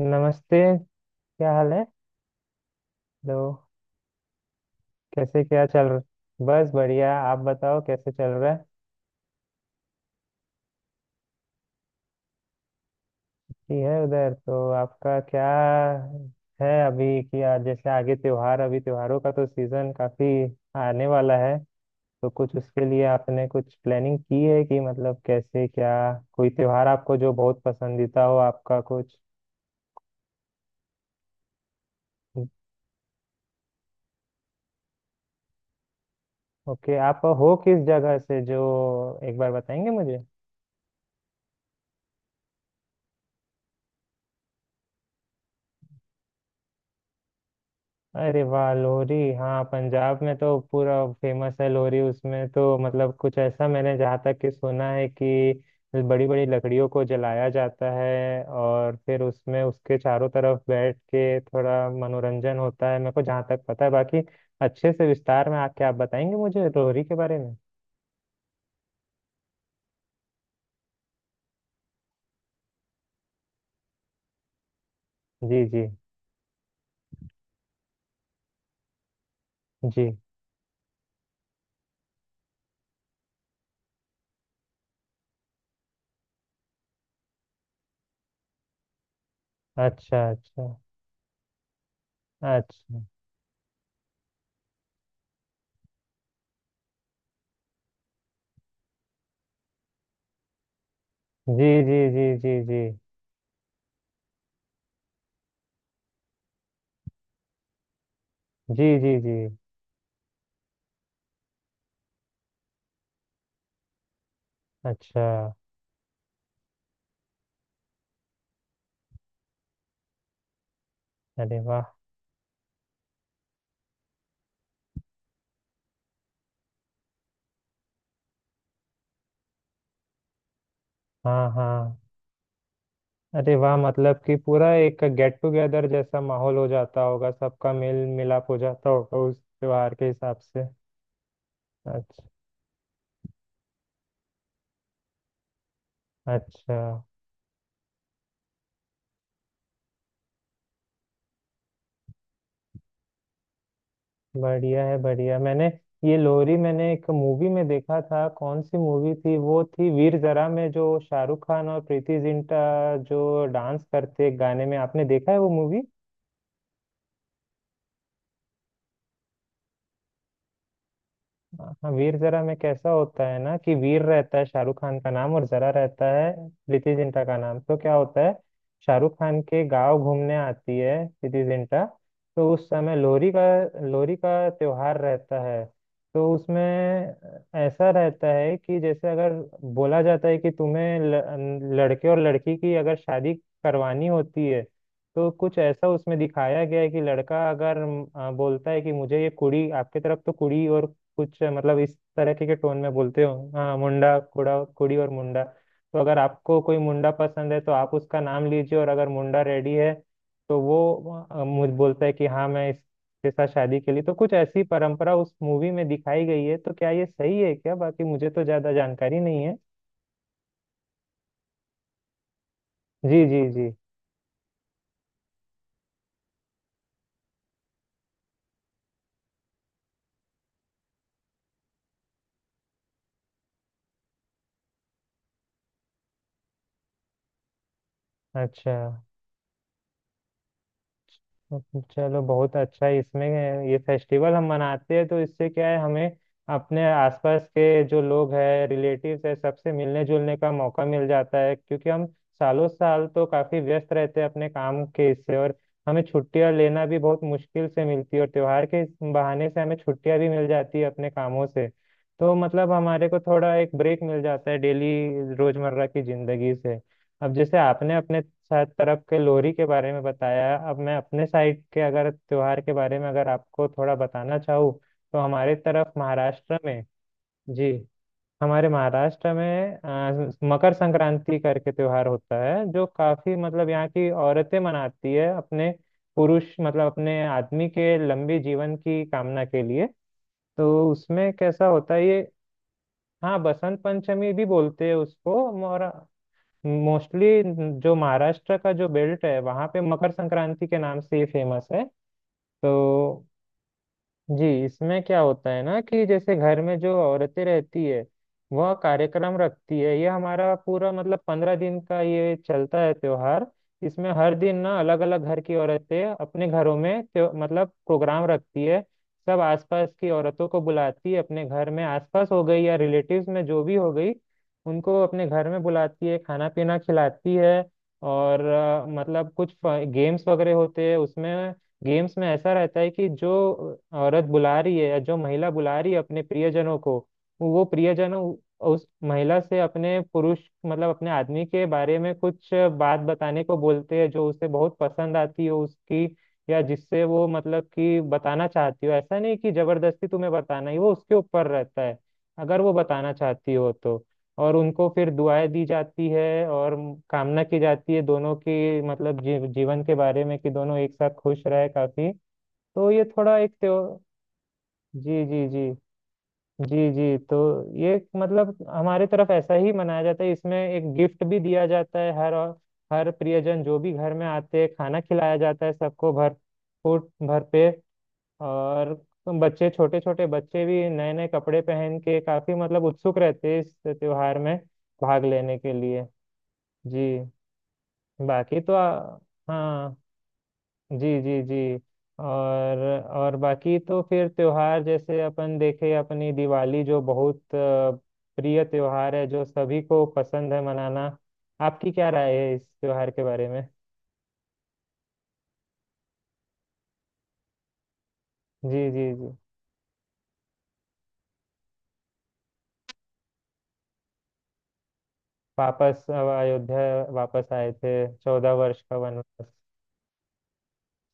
नमस्ते। क्या हाल है? तो कैसे, क्या चल रहा? बस बढ़िया, आप बताओ, कैसे चल रहा है? कि है उधर, तो आपका क्या है अभी कि जैसे आगे त्योहार, अभी त्योहारों का तो सीजन काफी आने वाला है। तो कुछ उसके लिए आपने कुछ प्लानिंग की है कि मतलब कैसे क्या? कोई त्योहार आपको जो बहुत पसंदीदा हो आपका कुछ? ओके, आप हो किस जगह से, जो एक बार बताएंगे मुझे? अरे वाह, लोहरी, हाँ पंजाब में तो पूरा फेमस है लोहरी। उसमें तो मतलब कुछ ऐसा मैंने जहाँ तक कि सुना है कि बड़ी बड़ी लकड़ियों को जलाया जाता है और फिर उसमें उसके चारों तरफ बैठ के थोड़ा मनोरंजन होता है, मेरे को जहाँ तक पता है। बाकी अच्छे से विस्तार में आके आप बताएंगे मुझे लोहरी के बारे में। जी जी जी। अच्छा, अच्छा, अच्छा। जी जी जी जी जी। जी जी जी। अच्छा। अरे वाह। हाँ हाँ। अरे वाह, मतलब कि पूरा एक गेट टुगेदर जैसा माहौल हो जाता होगा, सबका मेल मिलाप हो जाता होगा उस त्योहार के हिसाब से। अच्छा, अच्छा। बढ़िया है, बढ़िया। मैंने ये लोरी मैंने एक मूवी में देखा था। कौन सी मूवी थी? वो थी वीर जरा, में जो शाहरुख खान और प्रीति जिंटा जो डांस करते एक गाने में, आपने देखा है वो मूवी? हाँ वीर जरा में कैसा होता है ना, कि वीर रहता है शाहरुख खान का नाम और जरा रहता है प्रीति जिंटा का नाम। तो क्या होता है, शाहरुख खान के गांव घूमने आती है प्रीति जिंटा। तो उस समय लोहरी का, लोहरी का त्योहार रहता है। तो उसमें ऐसा रहता है कि जैसे अगर बोला जाता है कि तुम्हें लड़के और लड़की की अगर शादी करवानी होती है, तो कुछ ऐसा उसमें दिखाया गया है कि लड़का अगर बोलता है कि मुझे ये कुड़ी आपके तरफ, तो कुड़ी और कुछ मतलब इस तरह के टोन में बोलते हो हाँ, मुंडा कुड़ा कुड़ी और मुंडा। तो अगर आपको कोई मुंडा पसंद है, तो आप उसका नाम लीजिए, और अगर मुंडा रेडी है तो वो मुझ बोलता है कि हाँ, मैं इसके साथ शादी के लिए। तो कुछ ऐसी परंपरा उस मूवी में दिखाई गई है। तो क्या ये सही है क्या? बाकी मुझे तो ज्यादा जानकारी नहीं है। जी जी जी। अच्छा। चलो बहुत अच्छा है। इसमें ये फेस्टिवल हम मनाते हैं, तो इससे क्या है, हमें अपने आसपास के जो लोग हैं, रिलेटिव्स है, सबसे मिलने जुलने का मौका मिल जाता है। क्योंकि हम सालों साल तो काफी व्यस्त रहते हैं अपने काम के इससे, और हमें छुट्टियां लेना भी बहुत मुश्किल से मिलती है, और त्योहार के इस बहाने से हमें छुट्टियां भी मिल जाती है अपने कामों से। तो मतलब हमारे को थोड़ा एक ब्रेक मिल जाता है डेली रोजमर्रा की जिंदगी से। अब जैसे आपने अपने साइड तरफ के लोरी के बारे में बताया, अब मैं अपने साइड के अगर त्योहार के बारे में अगर आपको थोड़ा बताना चाहूँ, तो हमारे तरफ महाराष्ट्र में। जी। हमारे महाराष्ट्र में मकर संक्रांति करके त्योहार होता है, जो काफी मतलब यहाँ की औरतें मनाती है अपने पुरुष, मतलब अपने आदमी के लंबे जीवन की कामना के लिए। तो उसमें कैसा होता है ये। हाँ, बसंत पंचमी भी बोलते हैं उसको। और मोस्टली जो महाराष्ट्र का जो बेल्ट है, वहाँ पे मकर संक्रांति के नाम से ही फेमस है। तो जी, इसमें क्या होता है ना, कि जैसे घर में जो औरतें रहती है, वह कार्यक्रम रखती है। ये हमारा पूरा मतलब पंद्रह दिन का ये चलता है त्योहार। इसमें हर दिन ना अलग अलग घर की औरतें अपने घरों में मतलब प्रोग्राम रखती है। सब आसपास की औरतों को बुलाती है अपने घर में, आसपास हो गई या रिलेटिव्स में जो भी हो गई, उनको अपने घर में बुलाती है, खाना पीना खिलाती है। और मतलब कुछ गेम्स वगैरह होते हैं उसमें। गेम्स में ऐसा रहता है कि जो औरत बुला रही है, या जो महिला बुला रही है अपने प्रियजनों को, वो प्रियजन उस महिला से अपने पुरुष मतलब अपने आदमी के बारे में कुछ बात बताने को बोलते हैं, जो उसे बहुत पसंद आती हो उसकी, या जिससे वो मतलब कि बताना चाहती हो। ऐसा नहीं कि जबरदस्ती तुम्हें बताना ही, वो उसके ऊपर रहता है, अगर वो बताना चाहती हो तो। और उनको फिर दुआएं दी जाती है, और कामना की जाती है दोनों की, मतलब जीवन के बारे में, कि दोनों एक साथ खुश रहे काफी। तो ये थोड़ा एक त्यो। जी जी जी। जी जी। तो ये मतलब हमारे तरफ ऐसा ही मनाया जाता है। इसमें एक गिफ्ट भी दिया जाता है हर हर प्रियजन जो भी घर में आते हैं, खाना खिलाया जाता है सबको भर फूट भर पे। और बच्चे, छोटे छोटे बच्चे भी नए नए कपड़े पहन के काफी मतलब उत्सुक रहते हैं इस त्योहार में भाग लेने के लिए। जी। बाकी तो आ, हाँ। जी जी जी। और और बाकी तो फिर त्योहार जैसे अपन देखे अपनी दिवाली, जो बहुत प्रिय त्योहार है, जो सभी को पसंद है मनाना। आपकी क्या राय है इस त्योहार के बारे में? जी जी जी। वापस अब अयोध्या वापस आए थे, चौदह वर्ष का वनवास।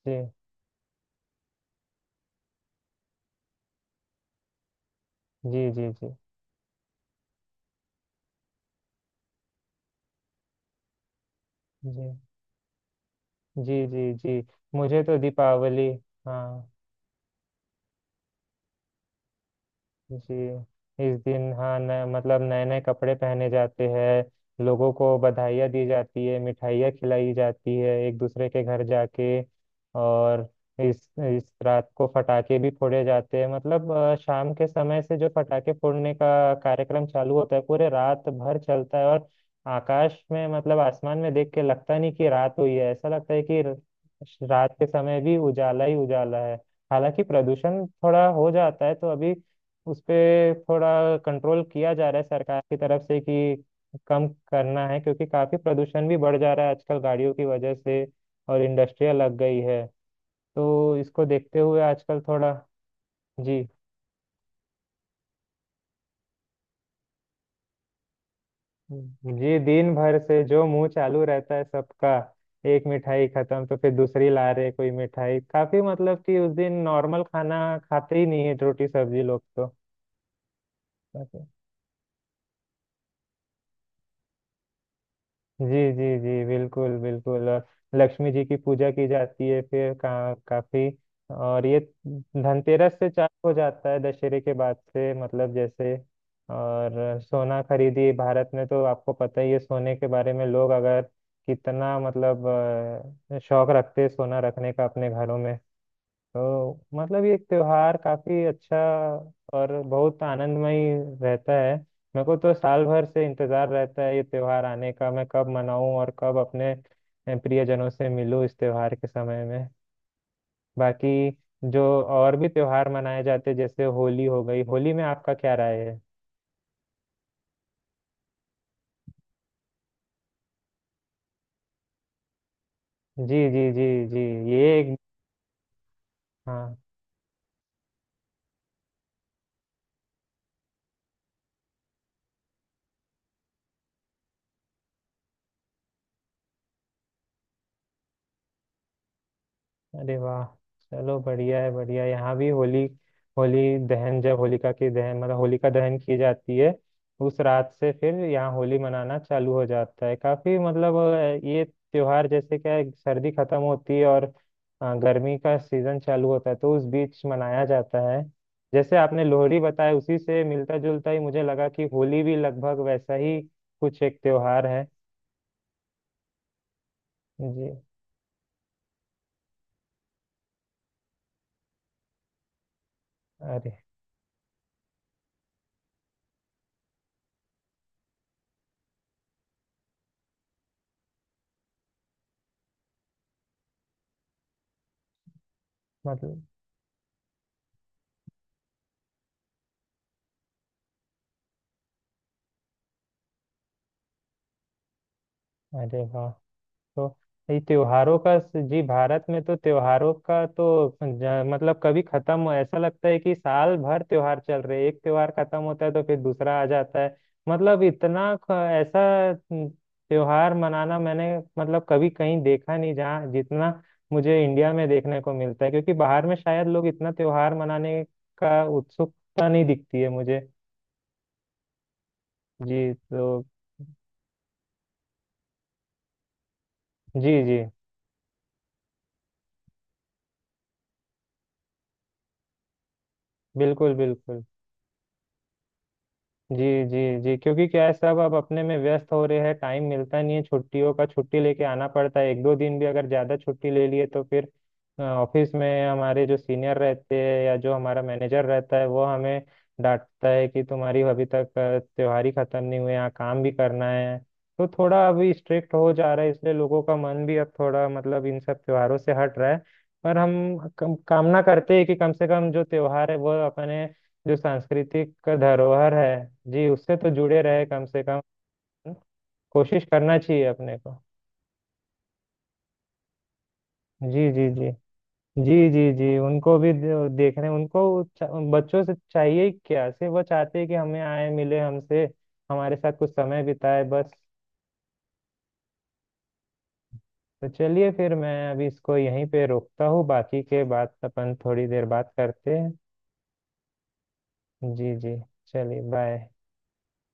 जी जी जी। जी जी जी। जी जी। मुझे तो दीपावली। हाँ जी। इस दिन हाँ न, मतलब नए नए कपड़े पहने जाते हैं, लोगों को बधाइयाँ दी जाती है, मिठाइयाँ खिलाई जाती है एक दूसरे के घर जाके। और इस इस रात को फटाके भी फोड़े जाते हैं, मतलब शाम के समय से जो फटाके फोड़ने का कार्यक्रम चालू होता है, पूरे रात भर चलता है। और आकाश में मतलब आसमान में देख के लगता नहीं कि रात हुई है, ऐसा लगता है कि रात के समय भी उजाला ही उजाला है। हालांकि प्रदूषण थोड़ा हो जाता है, तो अभी उस पे थोड़ा कंट्रोल किया जा रहा है सरकार की तरफ से, कि कम करना है, क्योंकि काफी प्रदूषण भी बढ़ जा रहा है आजकल गाड़ियों की वजह से और इंडस्ट्रिया लग गई है। तो इसको देखते हुए आजकल थोड़ा। जी। जी दिन भर से जो मुंह चालू रहता है सबका, एक मिठाई खत्म तो फिर दूसरी ला रहे कोई मिठाई, काफी मतलब कि उस दिन नॉर्मल खाना खाते ही नहीं है रोटी सब्जी लोग। तो जी जी जी, बिल्कुल बिल्कुल। और लक्ष्मी जी की पूजा की जाती है फिर काफी। और ये धनतेरस से चालू हो जाता है दशहरे के बाद से, मतलब जैसे। और सोना खरीदी भारत में तो आपको पता ही है, सोने के बारे में लोग अगर कितना मतलब शौक रखते हैं सोना रखने का अपने घरों में। तो मतलब ये त्योहार काफी अच्छा और बहुत आनंदमय रहता है। मेरे को तो साल भर से इंतजार रहता है ये त्योहार आने का, मैं कब मनाऊं और कब अपने प्रियजनों से मिलूं इस त्योहार के समय में। बाकी जो और भी त्योहार मनाए जाते हैं, जैसे होली हो गई, होली में आपका क्या राय है? जी जी जी। जी। ये एक। हाँ। अरे वाह। चलो बढ़िया है बढ़िया है। यहाँ भी होली, होली दहन जब होलिका की दहन मतलब होलिका दहन की जाती है, उस रात से फिर यहाँ होली मनाना चालू हो जाता है। काफी मतलब ये त्योहार जैसे क्या है, सर्दी खत्म होती है और गर्मी का सीजन चालू होता है तो उस बीच मनाया जाता है। जैसे आपने लोहड़ी बताया, उसी से मिलता जुलता ही मुझे लगा कि होली भी लगभग वैसा ही कुछ एक त्योहार है। जी। अरे, मतलब, अरे वाह। तो ये त्योहारों का जी, भारत में तो त्योहारों का तो मतलब कभी खत्म हो ऐसा लगता है कि साल भर त्योहार चल रहे हैं। एक त्योहार खत्म होता है तो फिर दूसरा आ जाता है, मतलब इतना ऐसा न- त्योहार मनाना मैंने मतलब कभी कहीं देखा नहीं, जहाँ जितना मुझे इंडिया में देखने को मिलता है, क्योंकि बाहर में शायद लोग इतना त्योहार मनाने का उत्सुकता नहीं दिखती है मुझे। जी तो जी जी बिल्कुल बिल्कुल। जी जी जी। क्योंकि क्या है, सब अब अपने में व्यस्त हो रहे हैं, टाइम मिलता नहीं है, छुट्टियों का छुट्टी लेके आना पड़ता है। एक दो दिन भी अगर ज़्यादा छुट्टी ले लिए तो फिर ऑफिस में हमारे जो सीनियर रहते हैं या जो हमारा मैनेजर रहता है, वो हमें डांटता है कि तुम्हारी अभी तक त्योहार ही खत्म नहीं हुए, यहाँ काम भी करना है। तो थोड़ा अभी स्ट्रिक्ट हो जा रहा है, इसलिए लोगों का मन भी अब थोड़ा मतलब इन सब त्योहारों से हट रहा है। पर हम कामना करते हैं कि कम से कम जो त्योहार है वो अपने जो सांस्कृतिक धरोहर है, जी उससे तो जुड़े रहे कम से कम, कोशिश करना चाहिए अपने को। जी जी जी। जी जी जी उनको भी देखने उनको, बच्चों से चाहिए ही क्या, सिर्फ वो चाहते हैं कि हमें आए मिले हमसे, हमारे साथ कुछ समय बिताए बस। तो चलिए फिर मैं अभी इसको यहीं पे रोकता हूँ, बाकी के बात अपन थोड़ी देर बात करते हैं। जी जी। चलिए बाय।